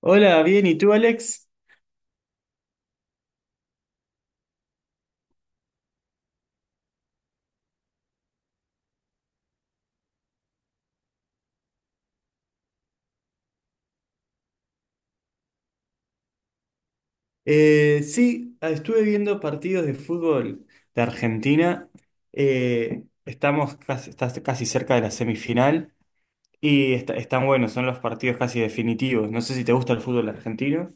Hola, bien, ¿y tú, Alex? Sí, estuve viendo partidos de fútbol de Argentina. Estás casi cerca de la semifinal y están buenos, son los partidos casi definitivos. No sé si te gusta el fútbol argentino,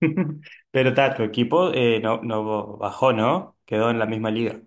pero ta, tu equipo no, no bajó, ¿no? Quedó en la misma liga.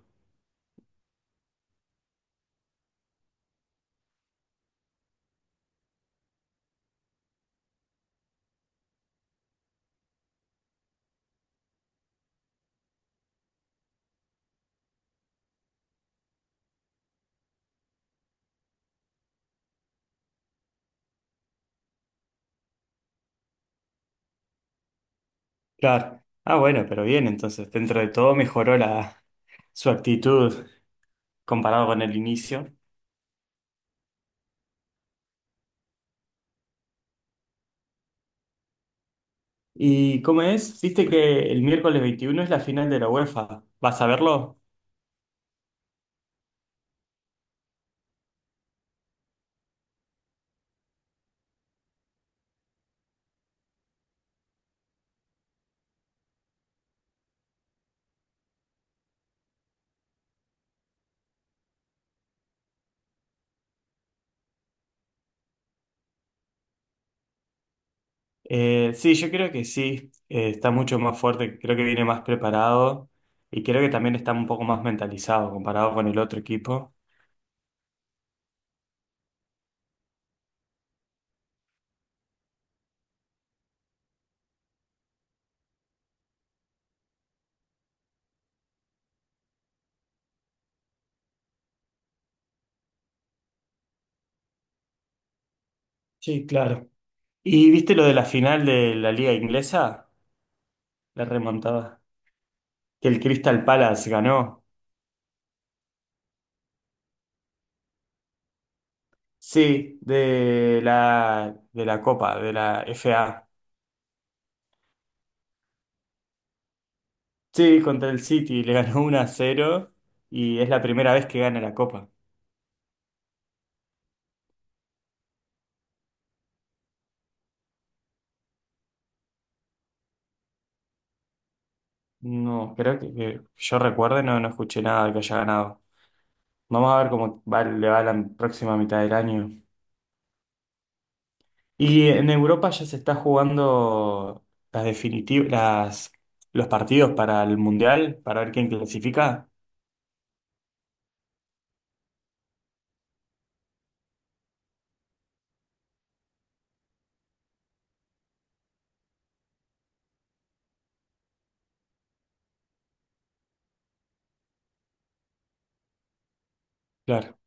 Claro. Ah, bueno, pero bien, entonces dentro de todo mejoró su actitud comparado con el inicio. ¿Y cómo es? ¿Viste que el miércoles 21 es la final de la UEFA? ¿Vas a verlo? Sí, yo creo que sí. Está mucho más fuerte, creo que viene más preparado y creo que también está un poco más mentalizado comparado con el otro equipo. Sí, claro. ¿Y viste lo de la final de la liga inglesa? La remontada. Que el Crystal Palace ganó. Sí, de la Copa, de la FA. Sí, contra el City, le ganó 1-0 y es la primera vez que gana la Copa. No, creo que yo recuerde, no, no escuché nada que haya ganado. Vamos a ver cómo le va la próxima mitad del año. Y en Europa ya se está jugando las definitivas, los partidos para el Mundial, para ver quién clasifica. Claro.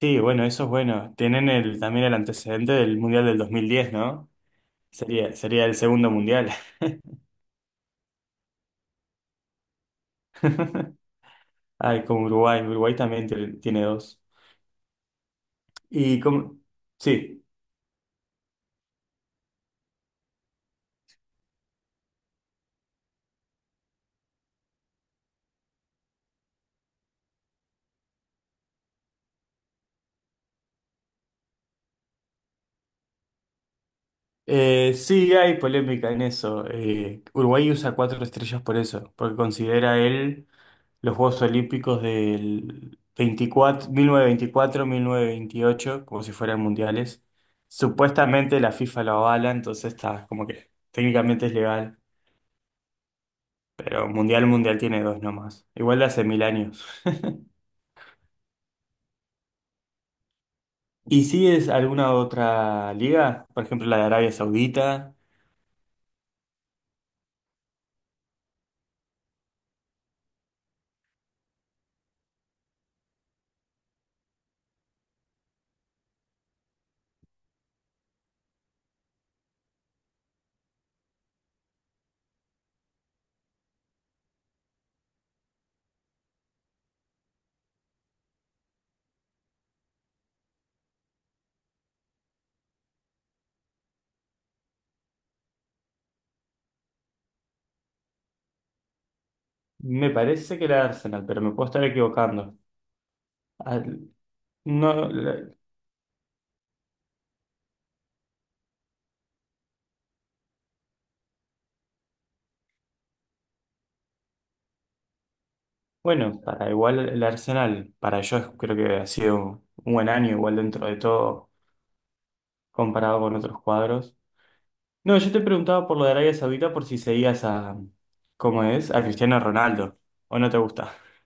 Sí, bueno, eso es bueno. Tienen también el antecedente del Mundial del 2010, ¿no? Sería el segundo Mundial. Ay, con Uruguay. Uruguay también tiene dos. Y como... Sí. Sí, hay polémica en eso. Uruguay usa cuatro estrellas por eso, porque considera él los Juegos Olímpicos del 24, 1924, 1928, como si fueran mundiales. Supuestamente la FIFA lo avala, entonces está como que técnicamente es legal, pero mundial, mundial tiene dos nomás. Igual de hace mil años. ¿Y si es alguna otra liga? Por ejemplo, la de Arabia Saudita. Me parece que la de Arsenal, pero me puedo estar equivocando. Al- No, bueno, para igual el Arsenal, para ellos creo que ha sido un buen año, igual dentro de todo, comparado con otros cuadros. No, yo te preguntaba por lo de Arabia Saudita por si seguías a, ¿cómo es? A Cristiano Ronaldo, ¿o no te gusta?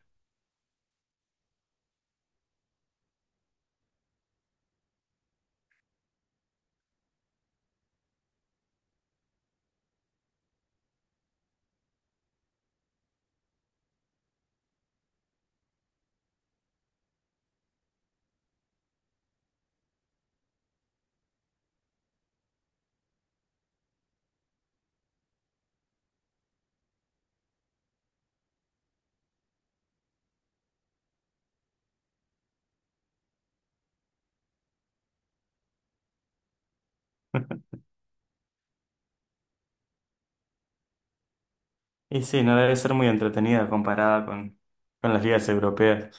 Y sí, no debe ser muy entretenida comparada con las ligas europeas.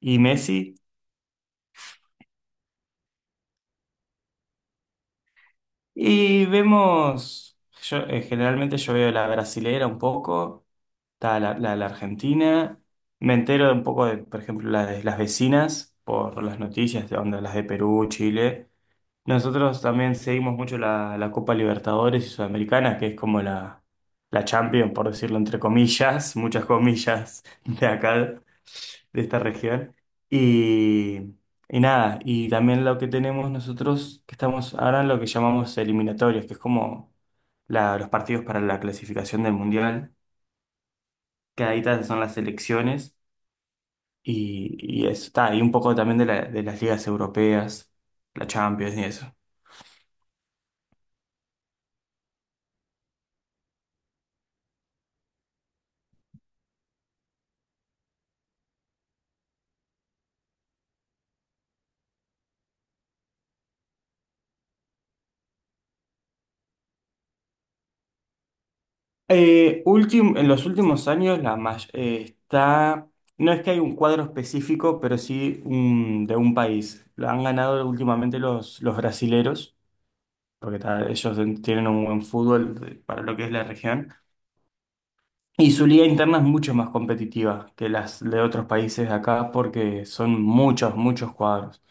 Y Messi, y vemos, yo generalmente yo veo la brasilera un poco. Está la de la Argentina. Me entero un poco de, por ejemplo, la de las vecinas por las noticias de onda, las de Perú, Chile. Nosotros también seguimos mucho la Copa Libertadores y Sudamericana, que es como la Champions, por decirlo entre comillas, muchas comillas de acá, de esta región. Y, y nada, y también lo que tenemos nosotros, que estamos ahora en lo que llamamos eliminatorios, que es como los partidos para la clasificación del Mundial quedaditas son las selecciones y, y eso está, y un poco también de las ligas europeas, la Champions y eso. En los últimos años no es que hay un cuadro específico, pero sí de un país. Lo han ganado últimamente los brasileros, porque ta, ellos tienen un buen fútbol para lo que es la región. Y su liga interna es mucho más competitiva que las de otros países de acá porque son muchos, muchos cuadros.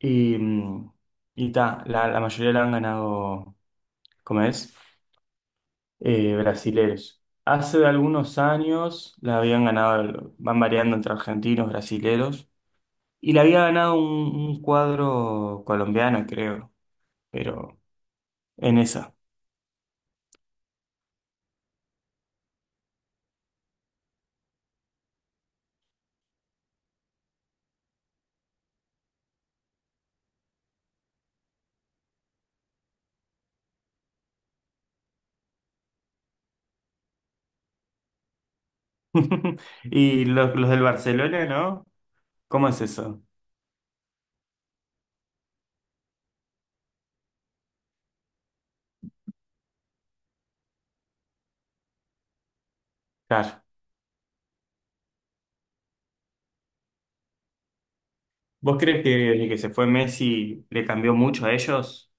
Y, mm, y ta, la mayoría la han ganado, ¿cómo es? Brasileros. Hace algunos años la habían ganado, van variando entre argentinos, brasileros, y la había ganado un cuadro colombiano, creo, pero en esa. Y los del Barcelona, ¿no? ¿Cómo es eso? Claro. ¿Vos crees que desde que se fue Messi le cambió mucho a ellos?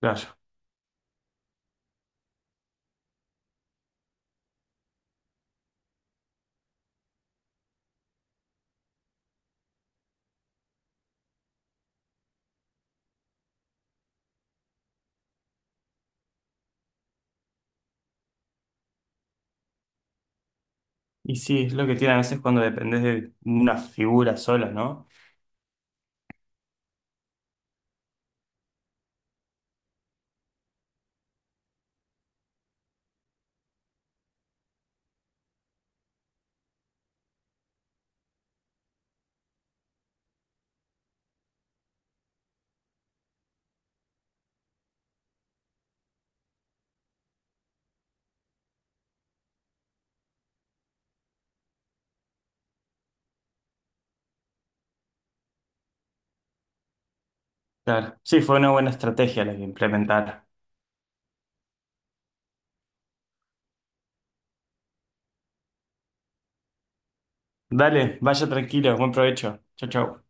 Claro. Y sí, es lo que tiene a veces cuando dependés de una figura sola, ¿no? Claro. Sí, fue una buena estrategia la que implementaron. Dale, vaya tranquilo, buen provecho. Chau, chau.